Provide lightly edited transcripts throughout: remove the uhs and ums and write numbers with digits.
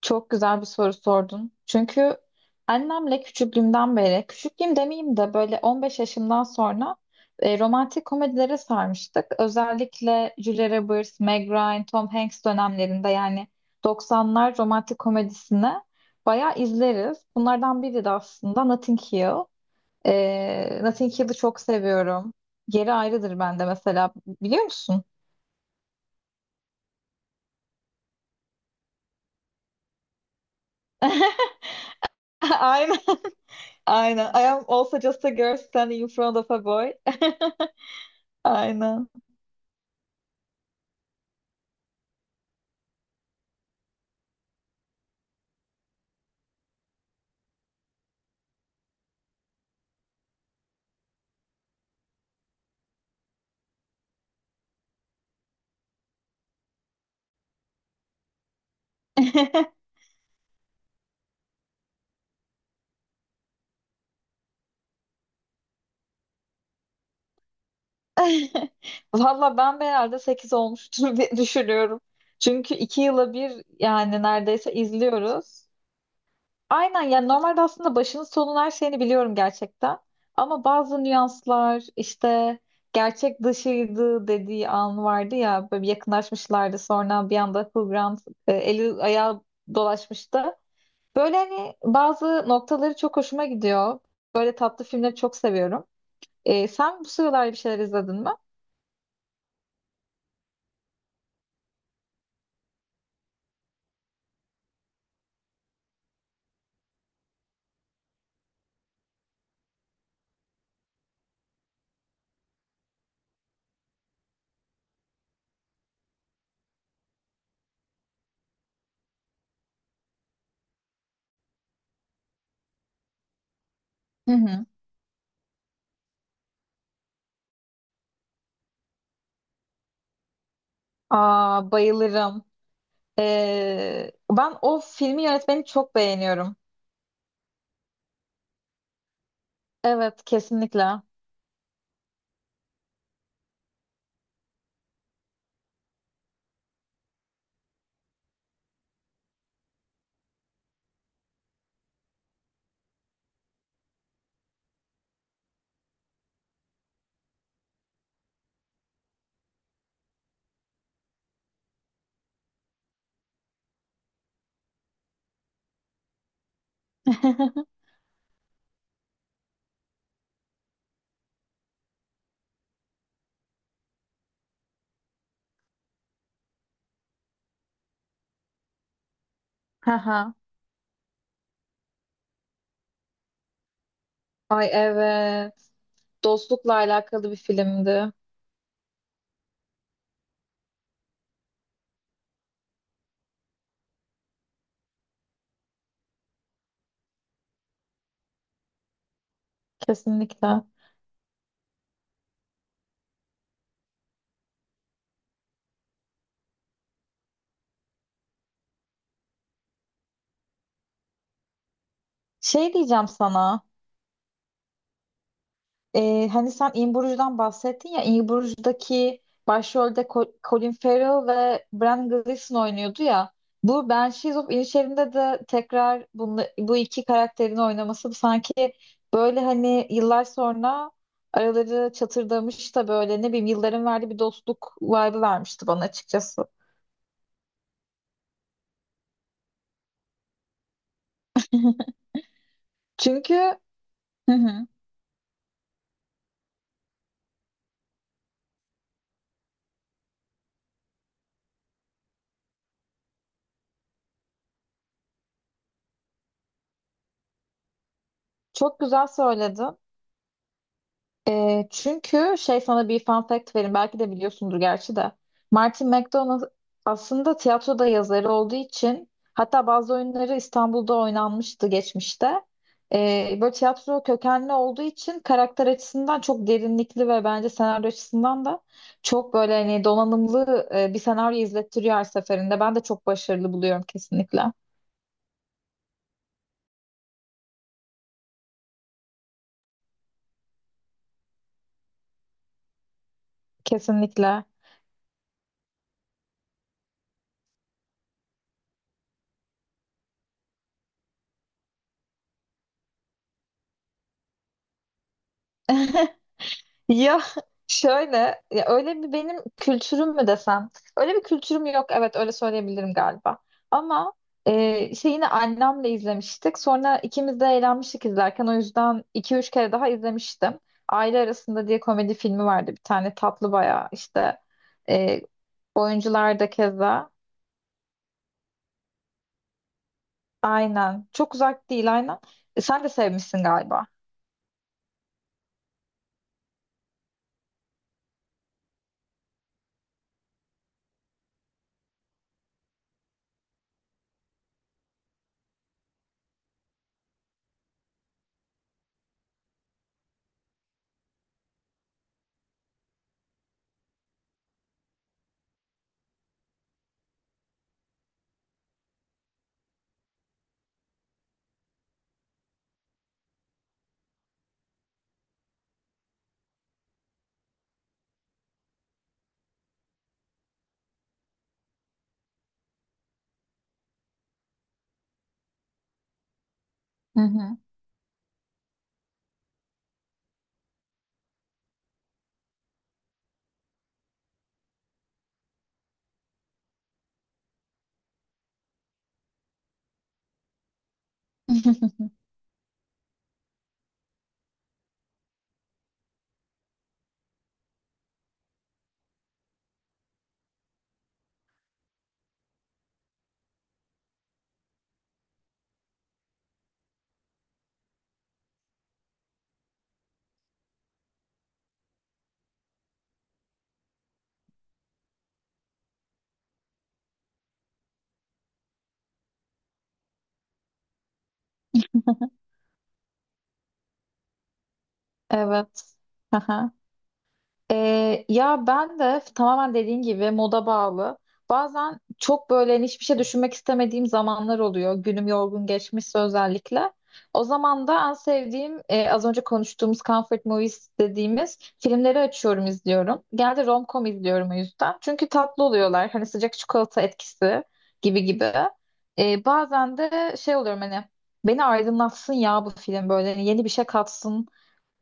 Çok güzel bir soru sordun. Çünkü annemle küçüklüğümden beri, küçüklüğüm demeyeyim de böyle 15 yaşımdan sonra romantik komedilere sarmıştık. Özellikle Julia Roberts, Meg Ryan, Tom Hanks dönemlerinde yani 90'lar romantik komedisini bayağı izleriz. Bunlardan biri de aslında Notting Hill. Notting Hill'i çok seviyorum. Yeri ayrıdır bende mesela. Biliyor musun? Aynen. Aynen. I am also just a girl standing in front of a boy. Aynen. Valla ben de herhalde 8 olmuştur diye düşünüyorum. Çünkü 2 yıla bir yani neredeyse izliyoruz. Aynen, yani normalde aslında başının sonun her şeyini biliyorum gerçekten. Ama bazı nüanslar işte, gerçek dışıydı dediği an vardı ya, böyle bir yakınlaşmışlardı sonra bir anda Hugh Grant eli ayağı dolaşmıştı. Böyle hani bazı noktaları çok hoşuma gidiyor. Böyle tatlı filmleri çok seviyorum. Sen bu sıralar bir şeyler izledin mi? Hı hı. Aa, bayılırım. Ben o filmi yönetmeni çok beğeniyorum. Evet, kesinlikle. Haha. Ay evet. Dostlukla alakalı bir filmdi. Kesinlikle. Şey diyeceğim sana. Hani sen In Bruges'dan bahsettin ya, In Bruges'daki başrolde Colin Farrell ve Bran Gleeson oynuyordu ya. Bu Banshees of Inisherin'de de tekrar bunu, bu iki karakterin oynaması sanki böyle hani yıllar sonra araları çatırdamış da böyle ne bileyim yılların verdiği bir dostluk vibe'ı vermişti bana açıkçası. Çünkü hı hı, çok güzel söyledin. Çünkü şey, sana bir fun fact vereyim. Belki de biliyorsundur gerçi de. Martin McDonagh aslında tiyatroda yazarı olduğu için, hatta bazı oyunları İstanbul'da oynanmıştı geçmişte. Böyle tiyatro kökenli olduğu için karakter açısından çok derinlikli ve bence senaryo açısından da çok böyle hani donanımlı bir senaryo izlettiriyor her seferinde. Ben de çok başarılı buluyorum kesinlikle. Kesinlikle. Ya şöyle, ya öyle bir benim kültürüm mü desem? Öyle bir kültürüm yok, evet öyle söyleyebilirim galiba. Ama şey, yine annemle izlemiştik. Sonra ikimiz de eğlenmiştik izlerken. O yüzden iki üç kere daha izlemiştim. Aile Arasında diye komedi filmi vardı bir tane, tatlı bayağı işte. E, Oyuncular da keza. Aynen. Çok uzak değil, aynen. Sen de sevmişsin galiba. Hı hı. Evet. Hı. Ya ben de tamamen dediğin gibi moda bağlı. Bazen çok böyle hani hiçbir şey düşünmek istemediğim zamanlar oluyor. Günüm yorgun geçmişse özellikle. O zaman da en sevdiğim, az önce konuştuğumuz comfort movies dediğimiz filmleri açıyorum izliyorum. Genelde rom-com izliyorum o yüzden. Çünkü tatlı oluyorlar. Hani sıcak çikolata etkisi gibi gibi. Bazen de şey oluyorum, hani beni aydınlatsın ya bu film, böyle hani yeni bir şey katsın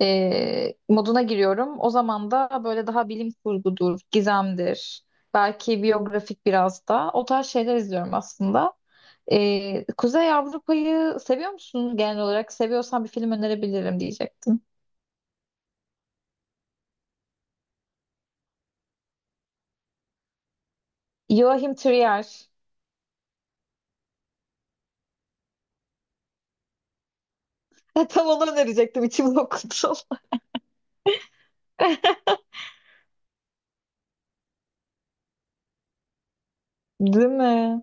moduna giriyorum. O zaman da böyle daha bilim kurgudur, gizemdir, belki biyografik, biraz da o tarz şeyler izliyorum aslında. Kuzey Avrupa'yı seviyor musun genel olarak? Seviyorsan bir film önerebilirim diyecektim. Joachim Trier. Tam onu önerecektim, içimi okudum. Değil mi?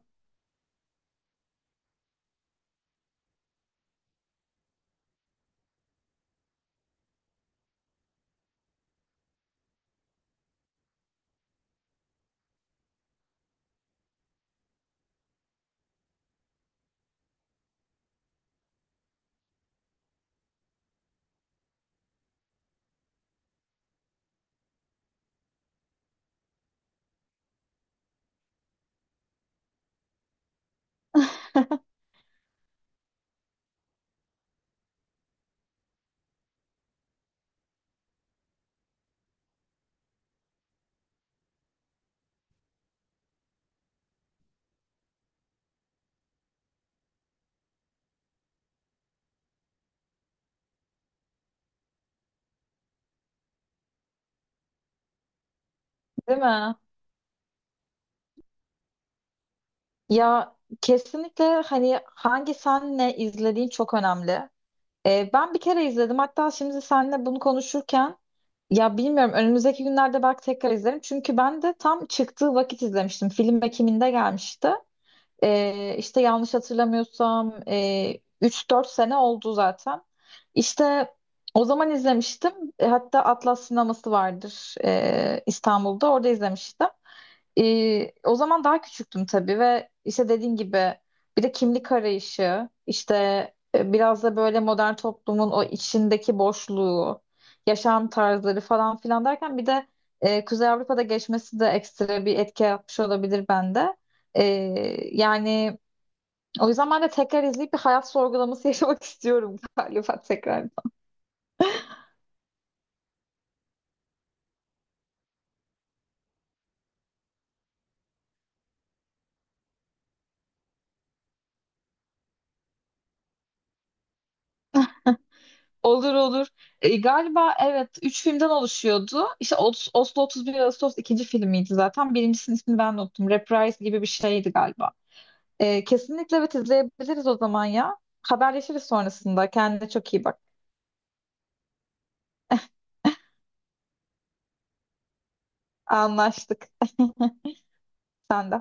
Değil mi? Ya kesinlikle, hani hangi senle izlediğin çok önemli. Ben bir kere izledim. Hatta şimdi seninle bunu konuşurken, ya bilmiyorum, önümüzdeki günlerde belki tekrar izlerim. Çünkü ben de tam çıktığı vakit izlemiştim. Film Ekim'inde gelmişti. İşte yanlış hatırlamıyorsam 3-4 sene oldu zaten. İşte o zaman izlemiştim. Hatta Atlas sineması vardır İstanbul'da. Orada izlemiştim. O zaman daha küçüktüm tabii, ve işte dediğin gibi bir de kimlik arayışı, işte biraz da böyle modern toplumun o içindeki boşluğu, yaşam tarzları falan filan derken bir de Kuzey Avrupa'da geçmesi de ekstra bir etki yapmış olabilir bende. Ee, Yani o yüzden ben de tekrar izleyip bir hayat sorgulaması yaşamak istiyorum galiba tekrar. Olur olur. Galiba evet üç filmden oluşuyordu. İşte Oslo 31 Ağustos ikinci filmiydi zaten. Birincisinin ismini ben de unuttum. Reprise gibi bir şeydi galiba. Kesinlikle evet izleyebiliriz o zaman ya. Haberleşiriz sonrasında. Kendine çok iyi bak. Anlaştık. Sen de.